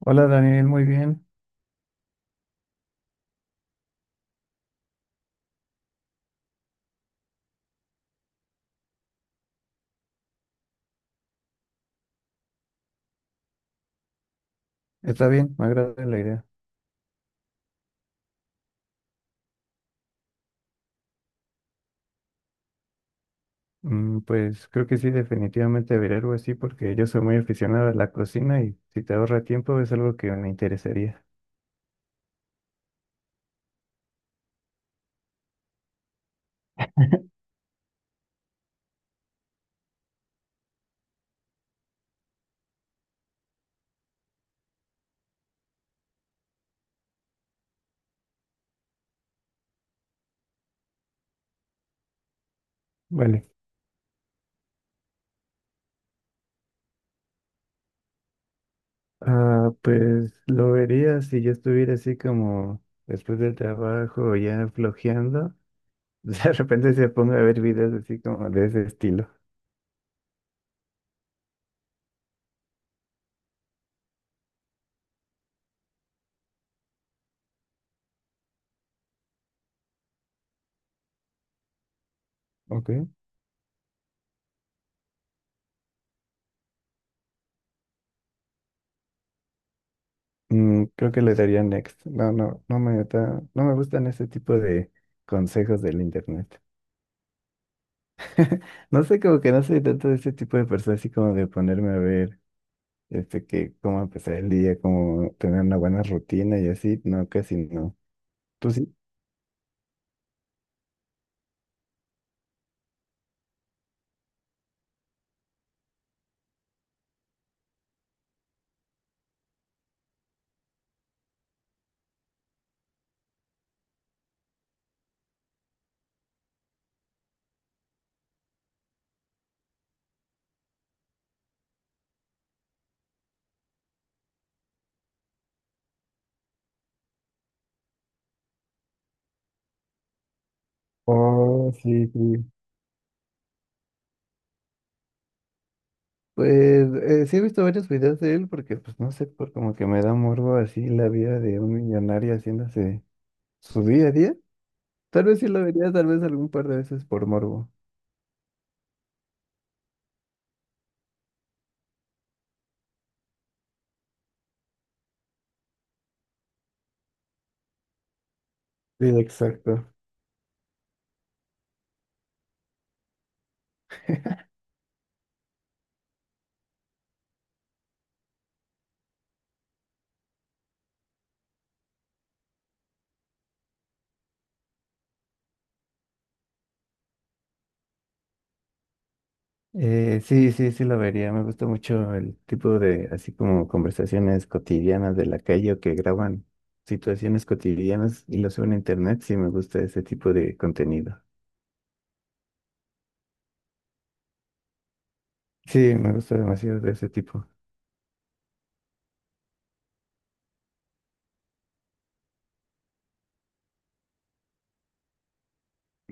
Hola Daniel, muy bien. Está bien, me agrada la idea. Mm, pues creo que sí, definitivamente veré algo así porque yo soy muy aficionado a la cocina y si te ahorra tiempo es algo que me interesaría. Vale. Ah, pues lo vería si yo estuviera así como después del trabajo ya flojeando. De repente se ponga a ver videos así como de ese estilo. Ok. Mm, creo que le daría next. No, no me gustan ese tipo de consejos del internet. No sé, como que no soy tanto de ese tipo de persona, así como de ponerme a ver, este, que cómo empezar el día, cómo tener una buena rutina y así, no, casi no. ¿Tú sí? Oh, sí, sí. Pues sí he visto varios videos de él porque, pues no sé, por como que me da morbo así la vida de un millonario haciéndose su día a día. Tal vez sí lo vería, tal vez algún par de veces por morbo. Sí, exacto. Sí, sí lo vería. Me gusta mucho el tipo de, así como conversaciones cotidianas de la calle o que graban situaciones cotidianas y lo suben a internet. Sí, me gusta ese tipo de contenido. Sí, me gusta demasiado de ese tipo.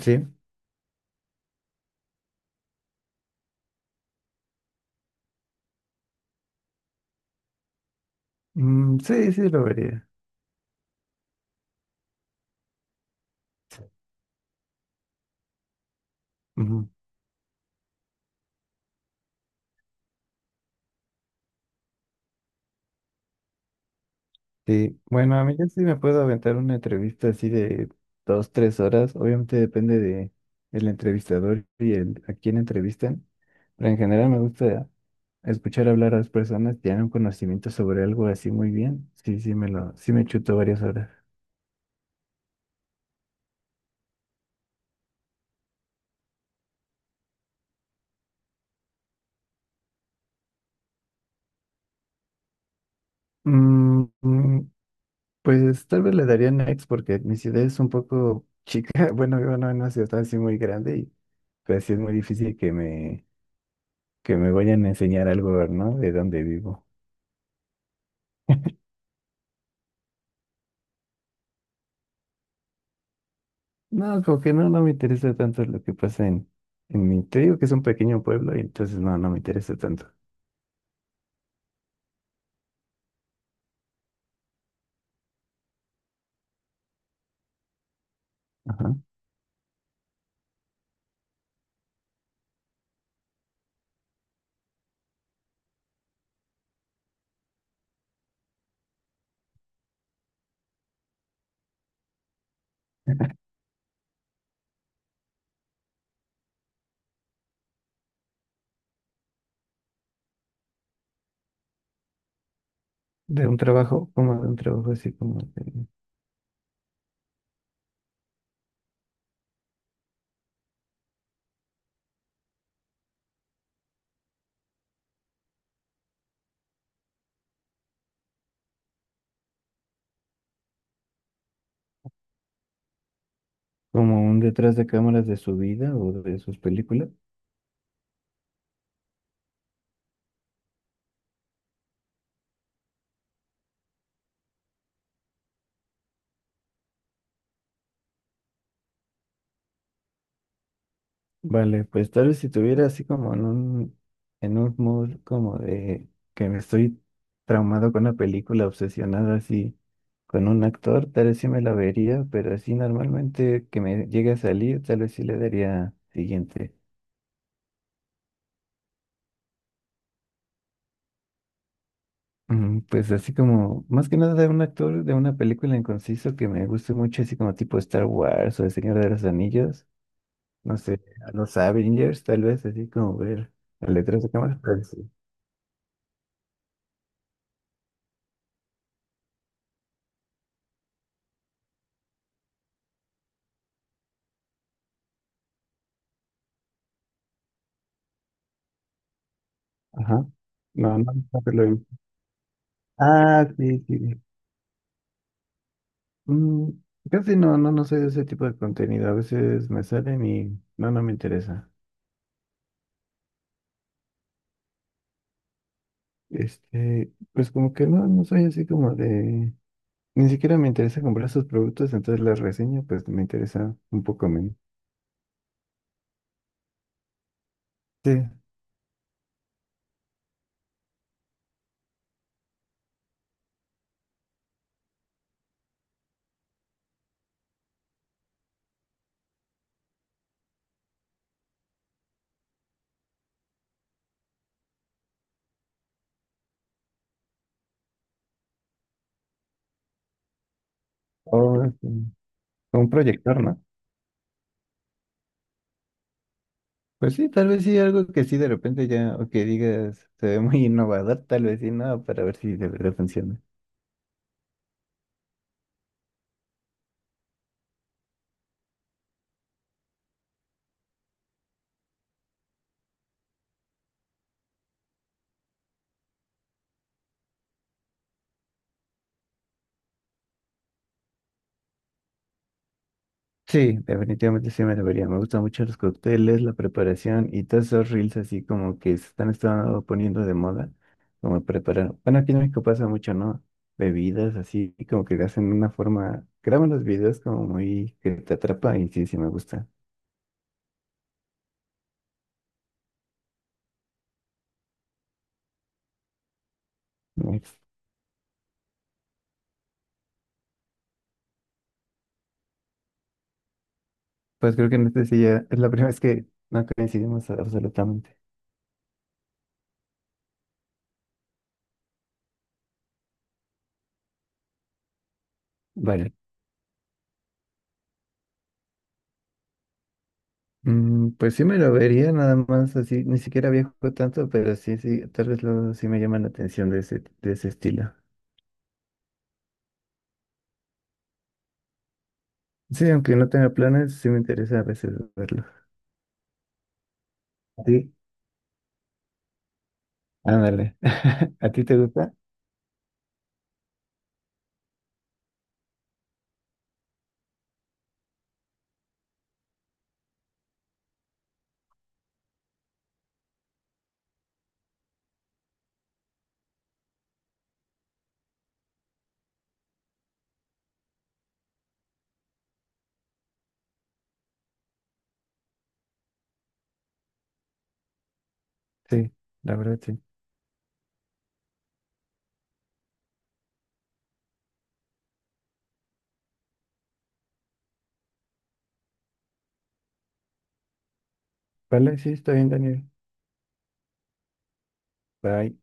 Sí, mm, sí, sí lo vería. Sí, bueno, a mí yo sí me puedo aventar una entrevista así de 2, 3 horas. Obviamente depende de el entrevistador y el a quién entrevistan. Pero en general me gusta escuchar hablar a las personas que tienen un conocimiento sobre algo así muy bien. Sí me chuto varias horas. Mm, mm, pues tal vez le daría next porque mi ciudad es un poco chica. Bueno, vivo no en una ciudad así muy grande y pues sí es muy difícil que me vayan a enseñar algo, ¿no? De dónde vivo. No, como que no, no me interesa tanto lo que pasa en mi... Te digo que es un pequeño pueblo y entonces no, no me interesa tanto. Ajá. De un trabajo, como de un trabajo como un detrás de cámaras de su vida o de sus películas. Vale, pues tal vez si tuviera así como en un mood como de que me estoy traumado con una película, obsesionada así con un actor, tal vez sí me la vería, pero así normalmente que me llegue a salir, tal vez sí le daría siguiente. Pues así como, más que nada de un actor de una película en conciso que me guste mucho, así como tipo Star Wars o El Señor de los Anillos, no sé, a los Avengers, tal vez, así como ver las letras de cámara. Pero sí. Ajá. No, no, no te lo he visto. Ah, sí, sí, sí. Mm, casi no, no, no soy de ese tipo de contenido. A veces me salen y no, no me interesa. Este, pues como que no, no soy así como de, ni siquiera me interesa comprar sus productos, entonces las reseño, pues me interesa un poco menos. Sí, o con un proyector, ¿no? Pues sí, tal vez sí, algo que sí de repente ya, o que digas, se ve muy innovador, tal vez sí, no, para ver si de verdad funciona. Sí, definitivamente sí me debería. Me gustan mucho los cócteles, la preparación y todos esos reels así como que estado poniendo de moda, como preparar. Bueno, aquí en México pasa mucho, ¿no? Bebidas así, y como que hacen una forma, graban los videos como muy que te atrapa y sí, sí me gusta. Pues creo que en este sí ya es la primera vez que no coincidimos absolutamente. Vale. Pues sí me lo vería nada más así, ni siquiera viajo tanto, pero sí, sí, tal vez luego sí me llama la atención de ese estilo. Sí, aunque no tenga planes, sí me interesa a veces verlo. Sí, ándale. ¿A ti te gusta? Sí, la verdad sí. Vale, sí, está bien, Daniel. Bye.